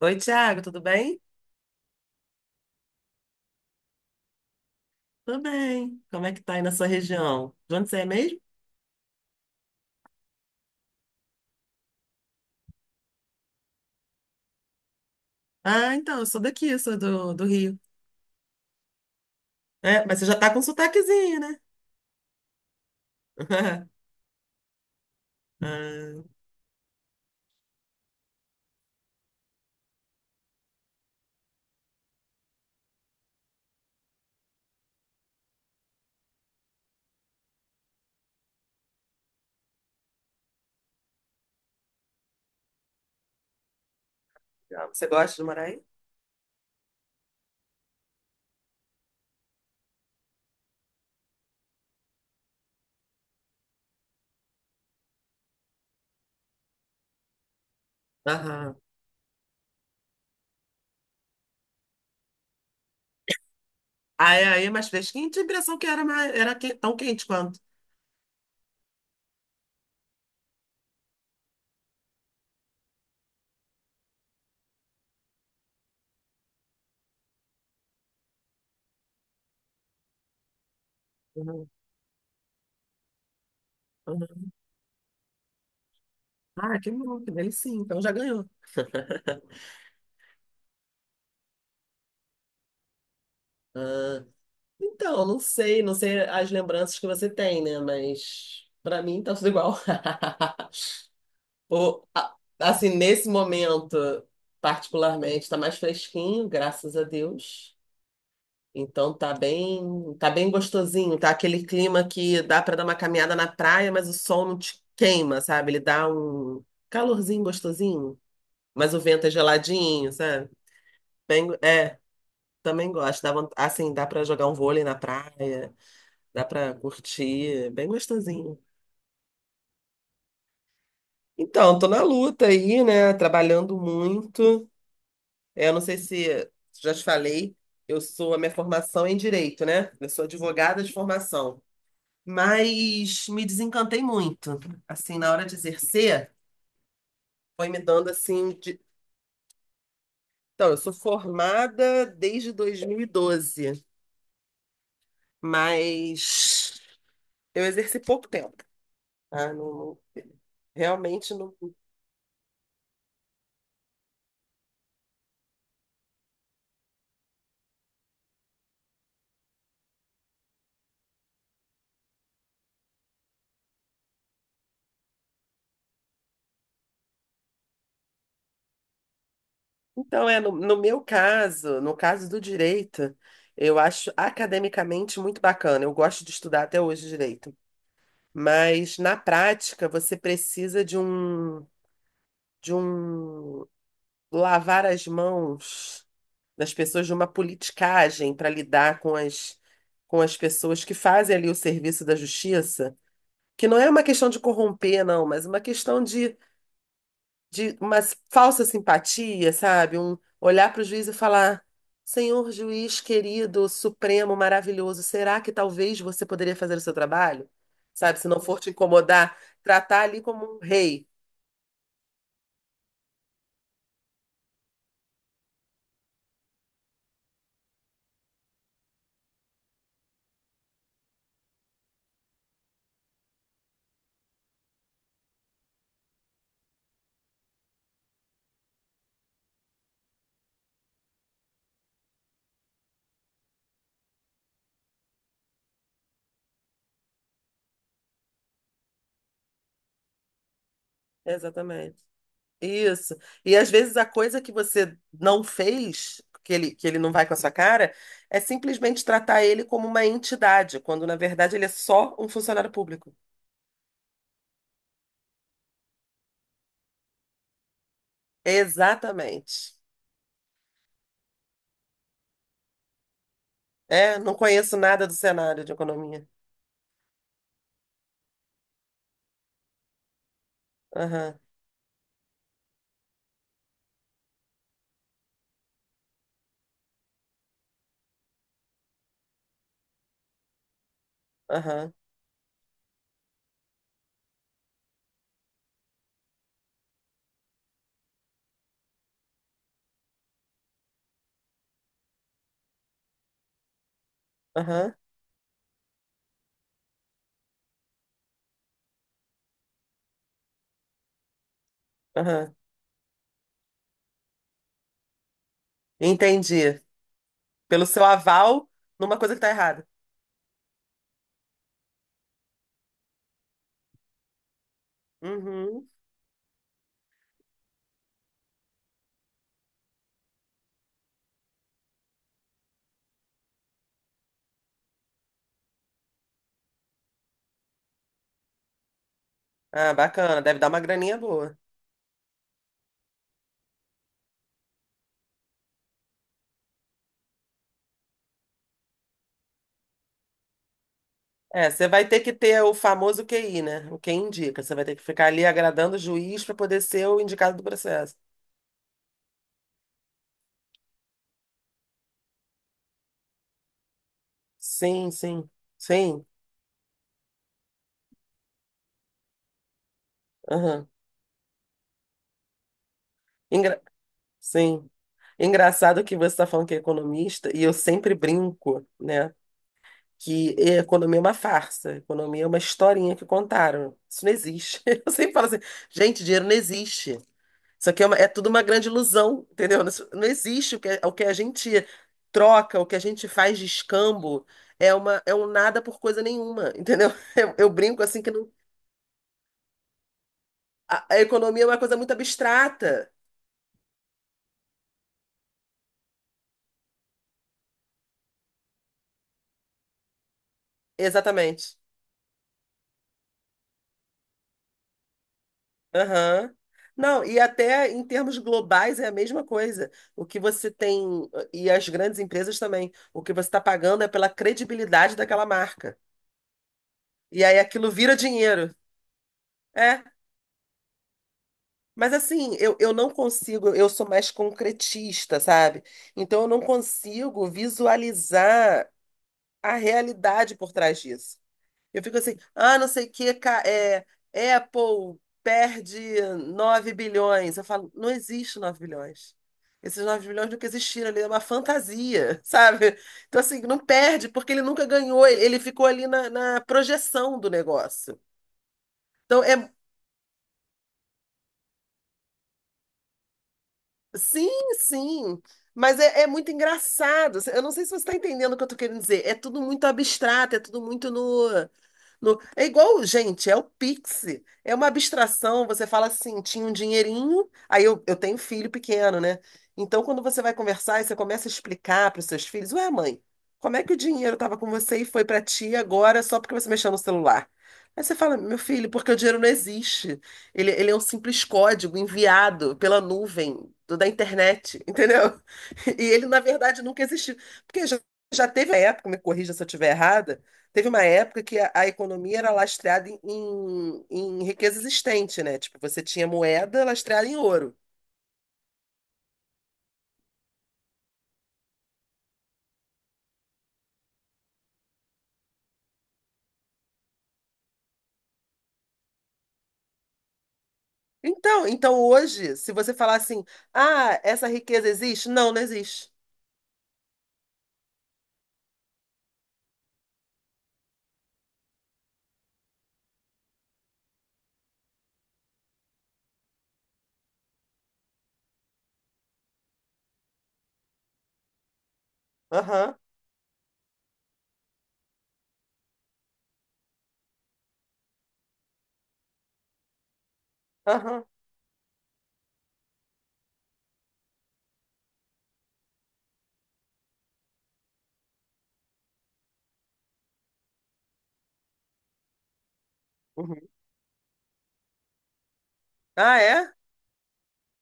Oi, Thiago, tudo bem? Tudo bem. Como é que tá aí na sua região? De onde você é mesmo? Ah, então, eu sou daqui, eu sou do Rio. É, mas você já tá com sotaquezinho, né? Ah, legal. Você gosta de morar aí? Aham. Ah, é aí, é mais fresquinho? Tinha a impressão que era, mais, tão quente quanto. Uhum, uhum. Ah, que bom, que delicinha. Então já ganhou. Ah, então, não sei, não sei as lembranças que você tem, né? Mas pra mim tá tudo igual. Assim, nesse momento, particularmente, está mais fresquinho, graças a Deus. Então tá bem gostosinho, tá aquele clima que dá para dar uma caminhada na praia, mas o sol não te queima, sabe? Ele dá um calorzinho gostosinho, mas o vento é geladinho, sabe? Bem, é, também gosto. Dá, assim, dá para jogar um vôlei na praia, dá para curtir, é bem gostosinho. Então, tô na luta aí, né? Trabalhando muito. É, eu não sei se já te falei, eu sou a minha formação é em direito, né? Eu sou advogada de formação, mas me desencantei muito. Assim, na hora de exercer, foi me dando... Então, eu sou formada desde 2012, mas eu exerci pouco tempo, tá? Realmente não. Então, é no, no meu caso, no caso do direito, eu acho academicamente muito bacana. Eu gosto de estudar até hoje direito. Mas na prática, você precisa de um lavar as mãos das pessoas, de uma politicagem para lidar com as pessoas que fazem ali o serviço da justiça, que não é uma questão de corromper, não, mas uma questão de uma falsa simpatia, sabe? Um olhar para o juiz e falar: Senhor juiz querido, supremo, maravilhoso, será que talvez você poderia fazer o seu trabalho? Sabe? Se não for te incomodar, tratar ali como um rei. Exatamente. Isso. E às vezes a coisa que você não fez, que ele não vai com a sua cara, é simplesmente tratar ele como uma entidade, quando na verdade ele é só um funcionário público. Exatamente. É, não conheço nada do cenário de economia. Aham, aham, aham, aham. Entendi. Pelo seu aval numa coisa que tá errada. Uhum. Ah, bacana. Deve dar uma graninha boa. É, você vai ter que ter o famoso QI, né? O que indica. Você vai ter que ficar ali agradando o juiz para poder ser o indicado do processo. Sim, sim, sim. Aham. Engra- Sim. Engraçado que você está falando que é economista, e eu sempre brinco, né? Que a economia é uma farsa, a economia é uma historinha que contaram. Isso não existe. Eu sempre falo assim, gente, dinheiro não existe. Isso aqui é, é tudo uma grande ilusão, entendeu? Isso não existe o que, é, o que a gente troca, o que a gente faz de escambo, é uma, é um nada por coisa nenhuma, entendeu? Eu brinco assim que não, a economia é uma coisa muito abstrata. Exatamente. Aham. Não, e até em termos globais é a mesma coisa. O que você tem, e as grandes empresas também, o que você está pagando é pela credibilidade daquela marca. E aí aquilo vira dinheiro. É. Mas assim, eu não consigo, eu sou mais concretista, sabe? Então eu não consigo visualizar a realidade por trás disso. Eu fico assim, ah, não sei o que, Apple perde 9 bilhões. Eu falo, não existe 9 bilhões. Esses 9 bilhões nunca existiram ali, é uma fantasia, sabe? Então, assim, não perde, porque ele nunca ganhou, ele ficou ali na projeção do negócio. Então, é, sim, sim. Mas é, é muito engraçado. Assim, eu não sei se você está entendendo o que eu estou querendo dizer. É tudo muito abstrato, é tudo muito no. É igual, gente, é o Pix. É uma abstração. Você fala assim, tinha um dinheirinho. Aí eu tenho filho pequeno, né? Então, quando você vai conversar e você começa a explicar para os seus filhos: Ué, mãe, como é que o dinheiro estava com você e foi para ti agora só porque você mexeu no celular? Aí você fala: Meu filho, porque o dinheiro não existe. Ele é um simples código enviado pela nuvem da internet, entendeu? E ele, na verdade, nunca existiu. Porque já, já teve uma época, me corrija se eu estiver errada, teve uma época que a economia era lastreada em riqueza existente, né? Tipo, você tinha moeda lastreada em ouro. Então, então hoje, se você falar assim, ah, essa riqueza existe? Não, não existe. Aham, aham. Uhum. Ah, é?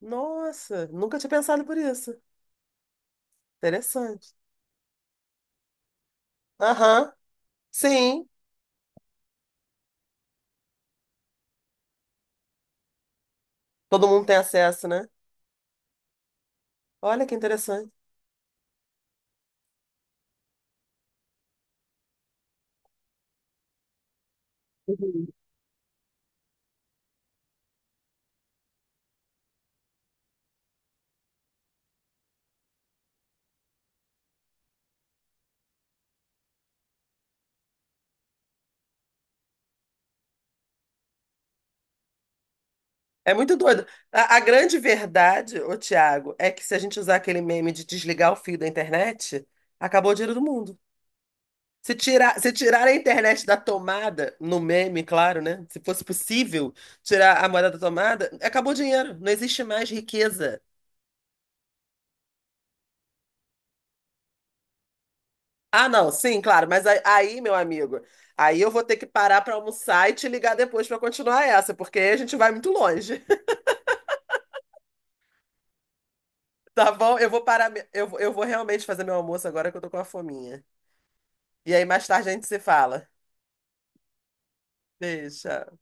Nossa, nunca tinha pensado por isso. Interessante. Aham, sim. Todo mundo tem acesso, né? Olha que interessante. Uhum. É muito doido. A grande verdade, ô Thiago, é que se a gente usar aquele meme de desligar o fio da internet, acabou o dinheiro do mundo. Se tirar, se tirar a internet da tomada, no meme, claro, né? Se fosse possível tirar a moeda da tomada, acabou o dinheiro. Não existe mais riqueza. Ah, não, sim, claro, mas aí, aí, meu amigo, aí eu vou ter que parar para almoçar e te ligar depois para continuar essa, porque aí a gente vai muito longe. Tá bom? Eu vou parar. Eu vou realmente fazer meu almoço agora que eu tô com a fominha. E aí mais tarde a gente se fala. Beijo. Tchau.